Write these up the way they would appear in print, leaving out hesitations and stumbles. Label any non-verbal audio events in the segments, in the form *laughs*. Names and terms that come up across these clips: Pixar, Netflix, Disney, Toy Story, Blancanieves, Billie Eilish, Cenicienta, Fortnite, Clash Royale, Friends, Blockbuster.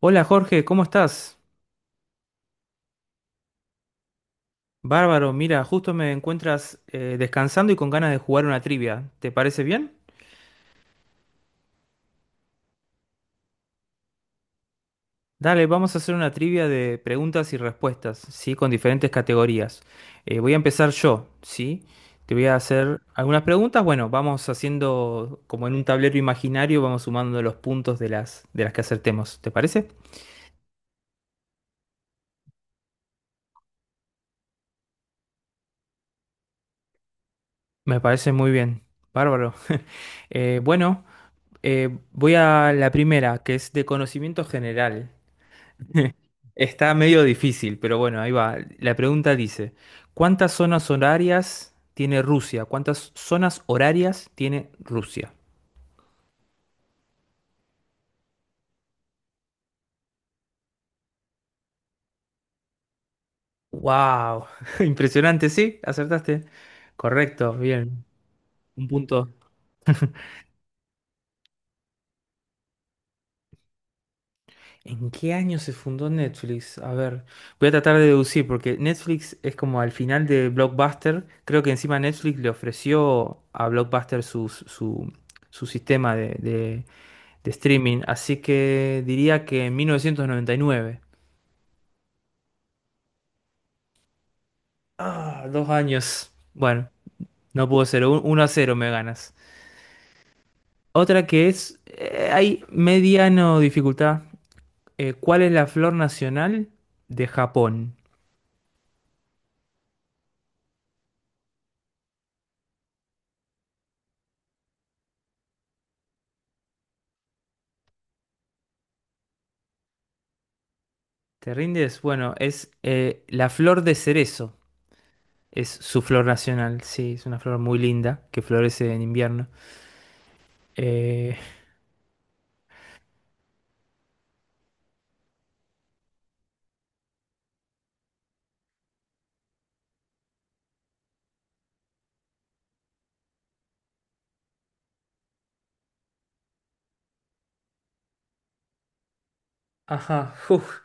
Hola Jorge, ¿cómo estás? Bárbaro, mira, justo me encuentras descansando y con ganas de jugar una trivia. ¿Te parece bien? Dale, vamos a hacer una trivia de preguntas y respuestas, ¿sí? Con diferentes categorías. Voy a empezar yo, ¿sí? Te voy a hacer algunas preguntas. Bueno, vamos haciendo como en un tablero imaginario, vamos sumando los puntos de las que acertemos. ¿Te parece? Me parece muy bien. Bárbaro. Bueno, voy a la primera, que es de conocimiento general. Está medio difícil, pero bueno, ahí va. La pregunta dice, ¿cuántas zonas horarias tiene Rusia? ¿Cuántas zonas horarias tiene Rusia? ¡Wow! *laughs* Impresionante, sí, acertaste. Correcto, bien. Un punto. ¿En qué año se fundó Netflix? A ver, voy a tratar de deducir, porque Netflix es como al final de Blockbuster. Creo que encima Netflix le ofreció a Blockbuster su sistema de streaming. Así que diría que en 1999. Ah, dos años. Bueno, no pudo ser. 1-0 me ganas. Otra que es, hay mediano dificultad. ¿Cuál es la flor nacional de Japón? ¿Te rindes? Bueno, es la flor de cerezo. Es su flor nacional, sí, es una flor muy linda que florece en invierno. Eh, Ajá, uf,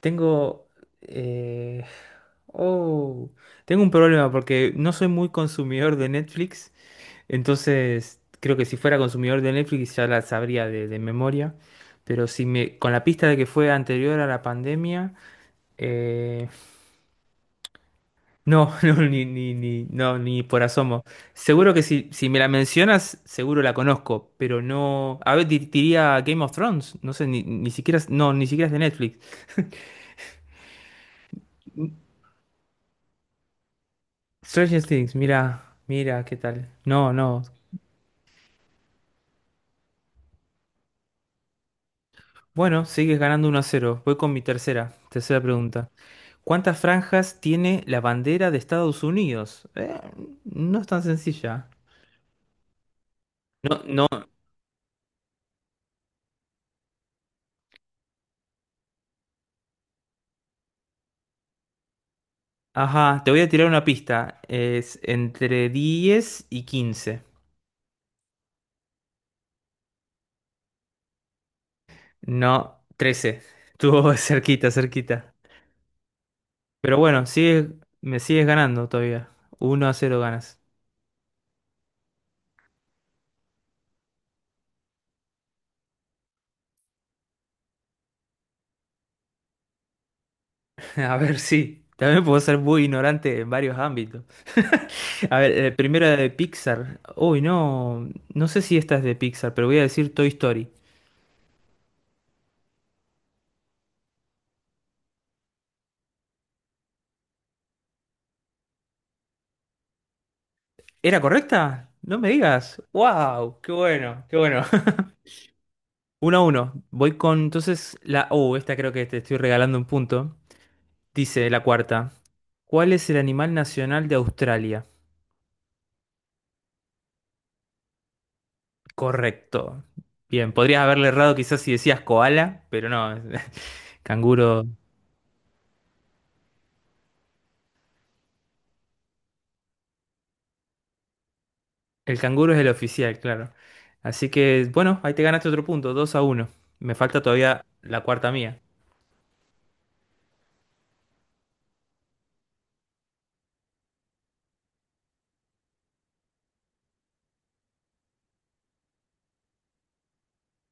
tengo... eh, oh, tengo un problema porque no soy muy consumidor de Netflix, entonces creo que si fuera consumidor de Netflix ya la sabría de memoria, pero si me, con la pista de que fue anterior a la pandemia, eh, no, *laughs* ni por asomo. Seguro que si me la mencionas, seguro la conozco, pero no... A ver, diría Game of Thrones, no sé, ni siquiera, no, ni siquiera es de Netflix. Stranger Things, mira, mira, ¿qué tal? No, no. Bueno, sigues ganando 1-0. Voy con mi tercera pregunta. ¿Cuántas franjas tiene la bandera de Estados Unidos? No es tan sencilla. No, no. Ajá, te voy a tirar una pista. Es entre 10 y 15. No, 13. Estuvo *laughs* cerquita, cerquita. Pero bueno, me sigues ganando todavía. 1-0 ganas. *laughs* A ver, sí. También puedo ser muy ignorante en varios ámbitos. A ver, primero era de Pixar. Uy, no, no sé si esta es de Pixar, pero voy a decir Toy Story. ¿Era correcta? No me digas. ¡Wow! ¡Qué bueno! ¡Qué bueno! *laughs* Uno a uno. Voy con entonces la... Oh, esta creo que te estoy regalando un punto. Dice la cuarta. ¿Cuál es el animal nacional de Australia? Correcto. Bien, podrías haberle errado quizás si decías koala, pero no, *laughs* canguro. El canguro es el oficial, claro. Así que, bueno, ahí te ganaste otro punto, 2-1. Me falta todavía la cuarta mía.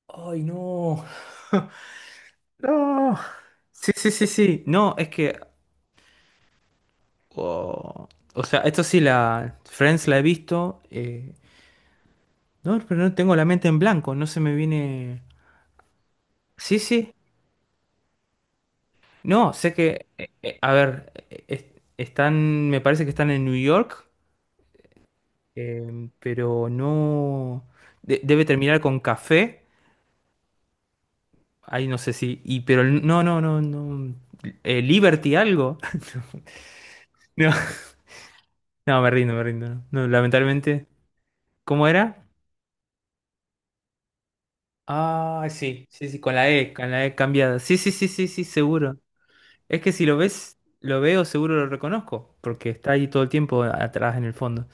¡Ay, no! *laughs* ¡No! Sí, sí, sí, sí. No, es que. oh, O sea, esto sí, la. Friends la he visto. No, pero no tengo la mente en blanco, no se me viene. Sí, sí. No, sé que. A ver, es- están. Me parece que están en New York, pero no. Debe terminar con café. Ay, no sé si. Pero no, no, no, no. Liberty algo. *laughs* No, no, me rindo, me rindo. No, no, lamentablemente. ¿Cómo era? Ah, sí, sí, sí, con la E cambiada. Sí, sí, sí, sí, sí, seguro. Es que si lo ves, lo veo, seguro lo reconozco, porque está ahí todo el tiempo atrás en el fondo.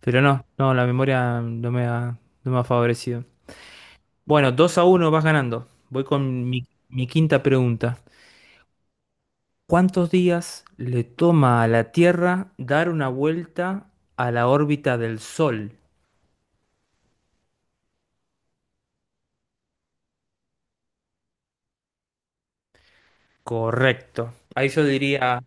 Pero no, no, la memoria no me ha favorecido. Bueno, 2-1 vas ganando. Voy con mi quinta pregunta. ¿Cuántos días le toma a la Tierra dar una vuelta a la órbita del Sol? Correcto. Ahí yo diría,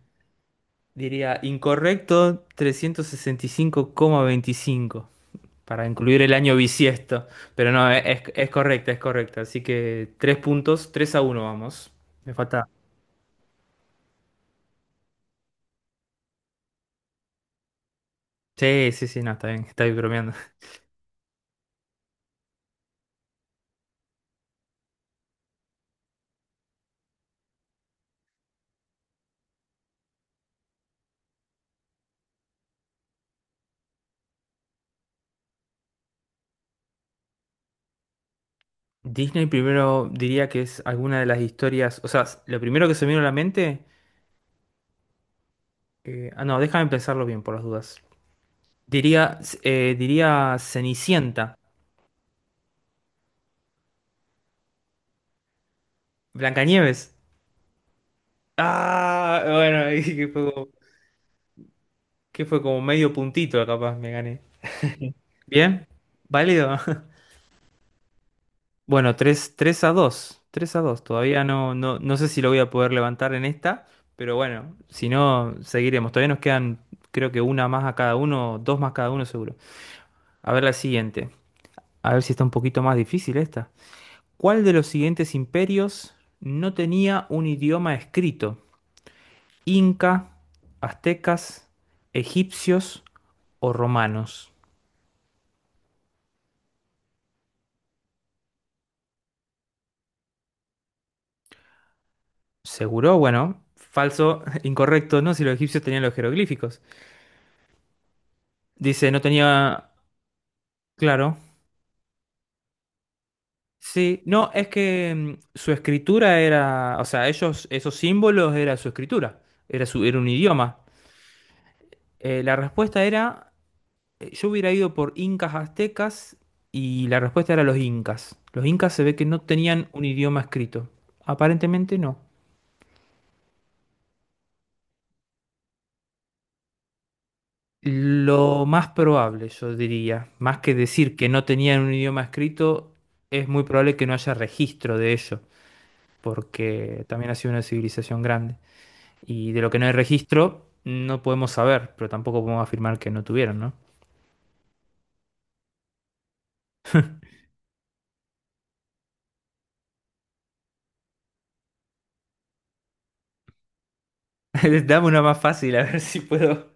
diría incorrecto 365,25 para incluir el año bisiesto. Pero no, es correcta, es correcta. Así que tres puntos, 3-1 vamos. Me falta. Sí, sí, sí, no, está bien bromeando. Disney primero diría que es alguna de las historias. O sea, lo primero que se me vino a la mente. Ah, no, déjame pensarlo bien por las dudas. Diría Cenicienta. Blancanieves. Ah, bueno, *laughs* ahí que fue como medio puntito, capaz me gané. ¿Bien? ¿Válido? *laughs* Bueno, tres a dos, 3-2. Todavía no, no sé si lo voy a poder levantar en esta, pero bueno, si no, seguiremos. Todavía nos quedan, creo que una más a cada uno, dos más cada uno seguro. A ver la siguiente. A ver si está un poquito más difícil esta. ¿Cuál de los siguientes imperios no tenía un idioma escrito? Inca, aztecas, egipcios o romanos. Seguro, bueno, falso, *laughs* incorrecto, ¿no? Si los egipcios tenían los jeroglíficos. Dice, no tenía... Claro. Sí, no, es que su escritura era, o sea, ellos, esos símbolos era su escritura, era su, era un idioma. La respuesta era, yo hubiera ido por incas aztecas y la respuesta era los incas. Los incas se ve que no tenían un idioma escrito. Aparentemente no. Lo más probable, yo diría, más que decir que no tenían un idioma escrito, es muy probable que no haya registro de ello, porque también ha sido una civilización grande. Y de lo que no hay registro, no podemos saber, pero tampoco podemos afirmar que no tuvieron, ¿no? *laughs* Dame una más fácil, a ver si puedo.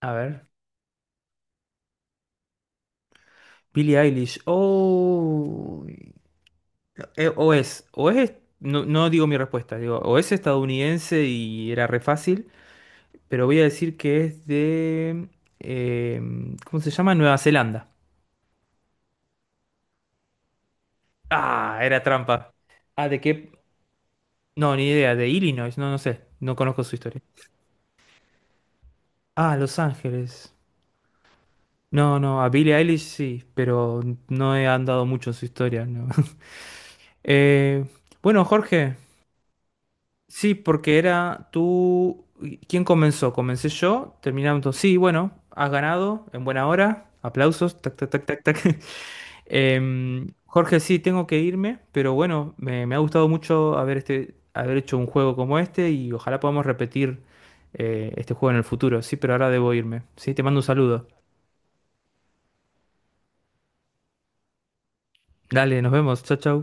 A ver. Billie Eilish. Oh, eh, o es, o es, no digo mi respuesta, digo, o es estadounidense y era re fácil. Pero voy a decir que es de... ¿cómo se llama? Nueva Zelanda. Ah, era trampa. Ah, ¿de qué? No, ni idea. De Illinois, no sé. No conozco su historia. Ah, Los Ángeles. No, no, a Billie Eilish sí, pero no he andado mucho en su historia, no. *laughs* Eh, bueno, Jorge, sí, porque era tú... ¿Quién comenzó? Comencé yo, terminamos. Sí, bueno, has ganado, en buena hora. Aplausos, tac, tac, tac, tac, tac. *laughs* Jorge, sí, tengo que irme, pero bueno, me ha gustado mucho haber hecho un juego como este y ojalá podamos repetir este juego en el futuro, sí, pero ahora debo irme. Sí, te mando un saludo. Dale, nos vemos, chao, chao.